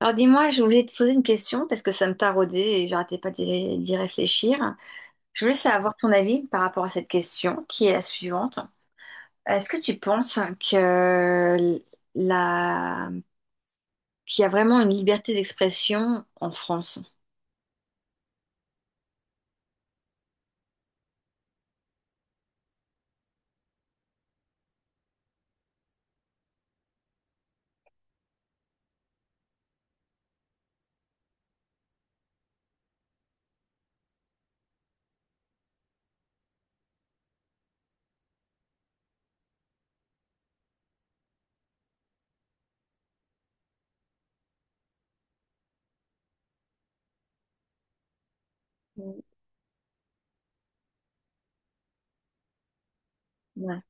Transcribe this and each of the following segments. Alors dis-moi, je voulais te poser une question parce que ça me taraudait et j'arrêtais pas d'y réfléchir. Je voulais savoir ton avis par rapport à cette question qui est la suivante. Est-ce que tu penses que la... qu'il y a vraiment une liberté d'expression en France? Ouais. Ouais,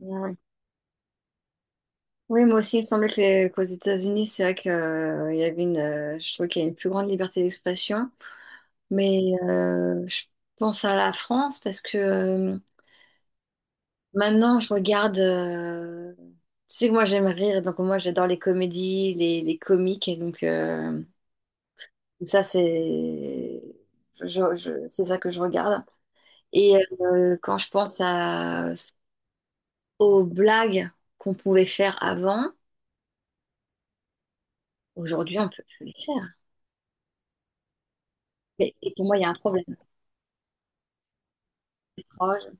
ouais. Oui, moi aussi, il me semblait que qu'aux États-Unis, c'est vrai que, il y avait une, je trouve qu'il y a une plus grande liberté d'expression. Mais je pense à la France parce que maintenant, je regarde. Tu sais que moi, j'aime rire, donc moi, j'adore les comédies, les comiques, et donc ça, c'est c'est ça que je regarde. Et quand je pense à, aux blagues qu'on pouvait faire avant, aujourd'hui, on peut plus les faire. Et pour moi, il y a un problème. Proche,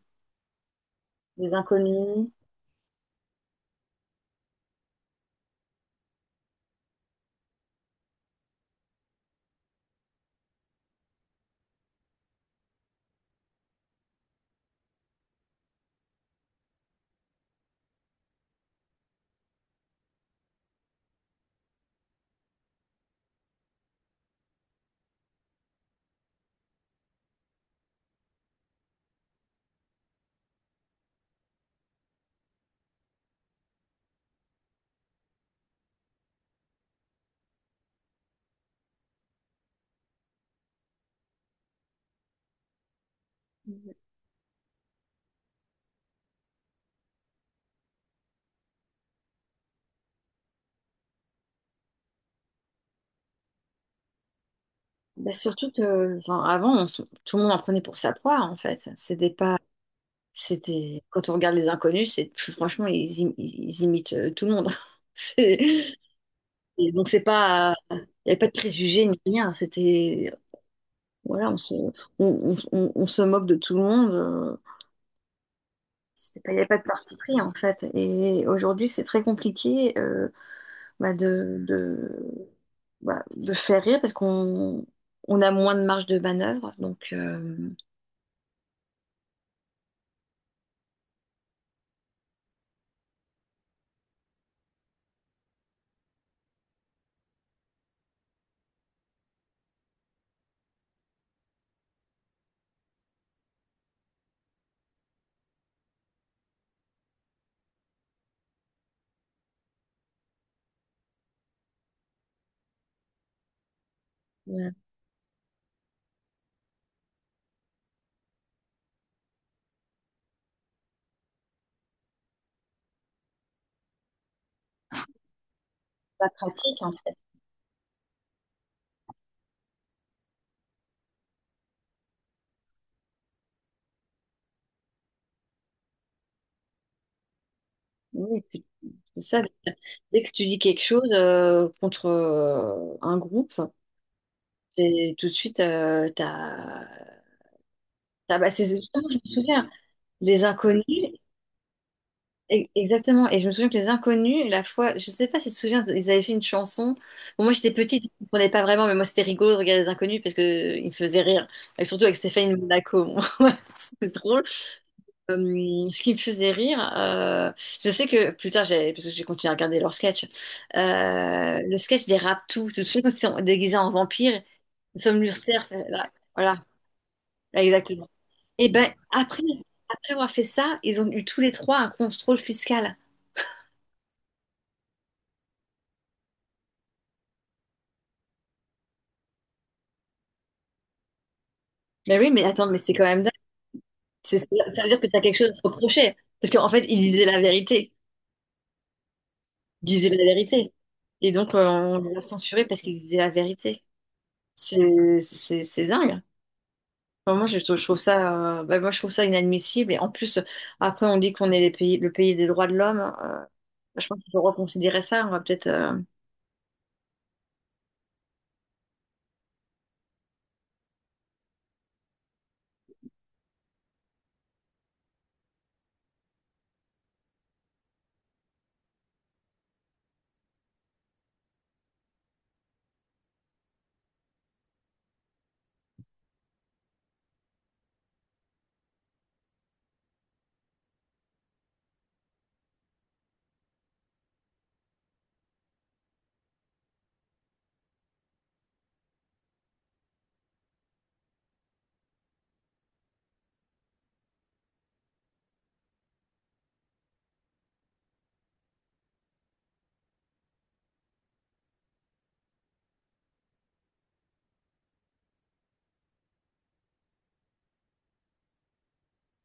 des inconnus. Bah, surtout que, enfin, avant, tout le monde en prenait pour sa poire, en fait. C'était pas C'était quand on regarde les inconnus, c'est franchement ils, ils imitent tout le monde. C'est- et donc c'est pas il n'y avait pas de préjugés ni rien, c'était voilà, on se moque de tout le monde, c'était pas il n'y avait pas de parti pris en fait. Et aujourd'hui, c'est très compliqué bah, de bah, de faire rire parce qu'on on a moins de marge de manœuvre, donc Ouais. Pas de pratique en fait. Oui, c'est ça, dès que tu dis quelque chose contre un groupe, c'est tout de suite, bah, c'est justement, je me souviens, les inconnus, e- exactement, et je me souviens que les inconnus, la fois, je sais pas si tu te souviens, ils avaient fait une chanson, bon, moi j'étais petite, je comprenais pas vraiment, mais moi c'était rigolo de regarder les inconnus parce que ils me faisaient rire, et surtout avec Stéphane Monaco, moi, c'était drôle. Ce qui me faisait rire, je sais que plus tard, parce que j'ai continué à regarder leur sketch, le sketch des Raptous, tout de suite, quand ils sont déguisés en vampires, nous sommes l'URSSAF, là, voilà, là, exactement. Et ben après, après avoir fait ça, ils ont eu tous les trois un contrôle fiscal. Mais oui, mais attends, mais c'est quand même dingue. Ça veut dire que tu as quelque chose à te reprocher. Parce qu'en fait, ils disaient la vérité. Ils disaient la vérité. Et donc, on les a censurés parce qu'ils disaient la vérité. C'est dingue. Enfin, moi, je trouve ça, bah, moi, je trouve ça inadmissible. Et en plus, après, on dit qu'on est le pays des droits de l'homme. Je pense qu'il faut reconsidérer ça. On va peut-être.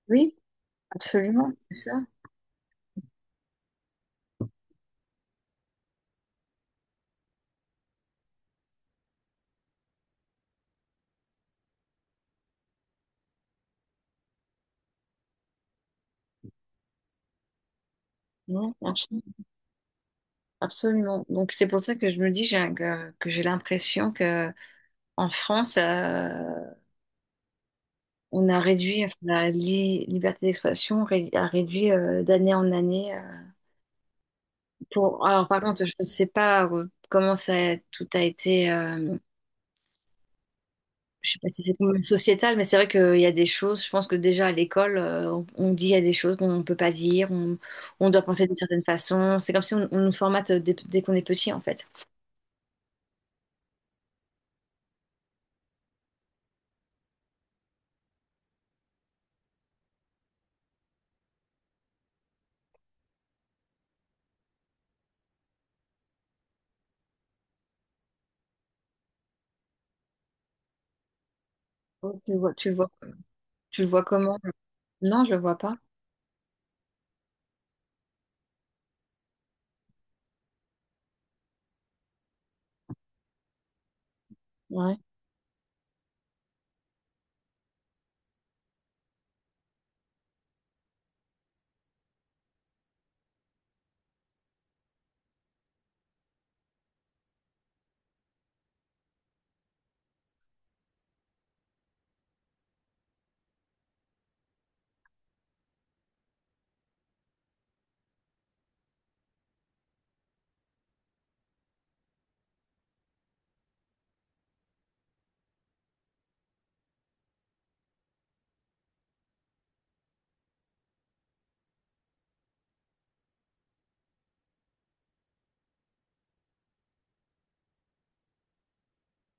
Oui, absolument, c'est ça. Non, absolument. Absolument. Donc, c'est pour ça que je me dis que j'ai l'impression que en France, on a réduit enfin, la liberté d'expression, a réduit d'année en année. Pour... Alors, par contre, je ne sais pas comment ça, tout a été. Je sais pas si c'est problème sociétal, mais c'est vrai qu'il y a des choses, je pense que déjà à l'école, on dit il y a des choses qu'on ne peut pas dire, on doit penser d'une certaine façon. C'est comme si on, on nous formate dès qu'on est petit, en fait. Oh, tu le vois comment? Non, je le vois pas. Ouais.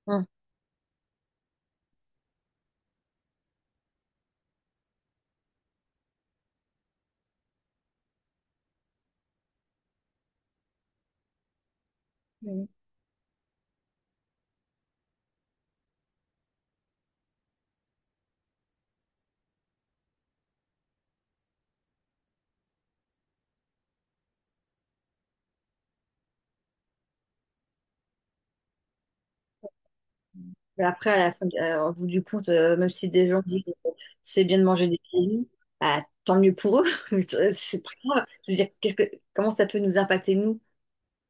Hum. Hum. Mais après, à la fin, au bout du compte, même si des gens disent que c'est bien de manger des cailloux, bah, tant mieux pour eux. Mais c'est pas grave. Je veux dire, comment ça peut nous impacter, nous?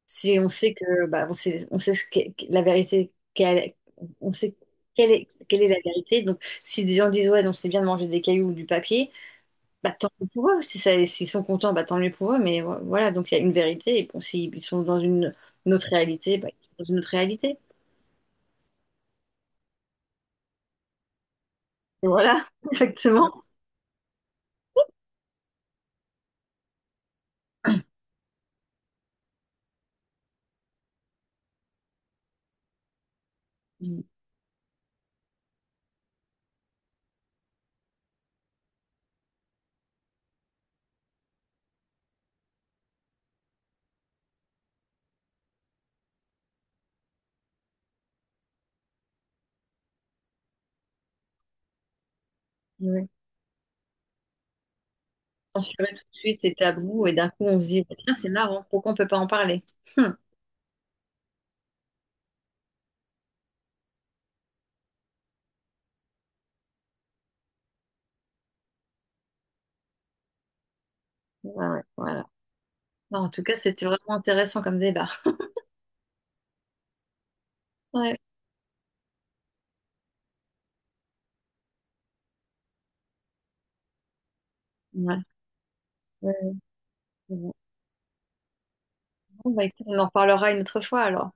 Si on sait que, bah, on sait la vérité, on sait quelle est la vérité. Donc, si des gens disent, ouais, donc c'est bien de manger des cailloux ou du papier, bah, tant mieux pour eux. Si ça, s'ils sont contents, bah, tant mieux pour eux. Mais voilà, donc il y a une vérité. Et bon, s'ils sont dans une autre réalité, bah, ils sont dans une autre réalité. Et voilà, exactement. Ouais. Censurer tout de suite est tabou. Et d'un coup, on se dit, bah, tiens, c'est marrant, pourquoi on peut pas en parler? Hum. Ouais, ouais, voilà. Non, en tout cas, c'était vraiment intéressant comme débat. Ouais. Ouais. Ouais. Bon, bah, écoute, on en reparlera une autre fois alors.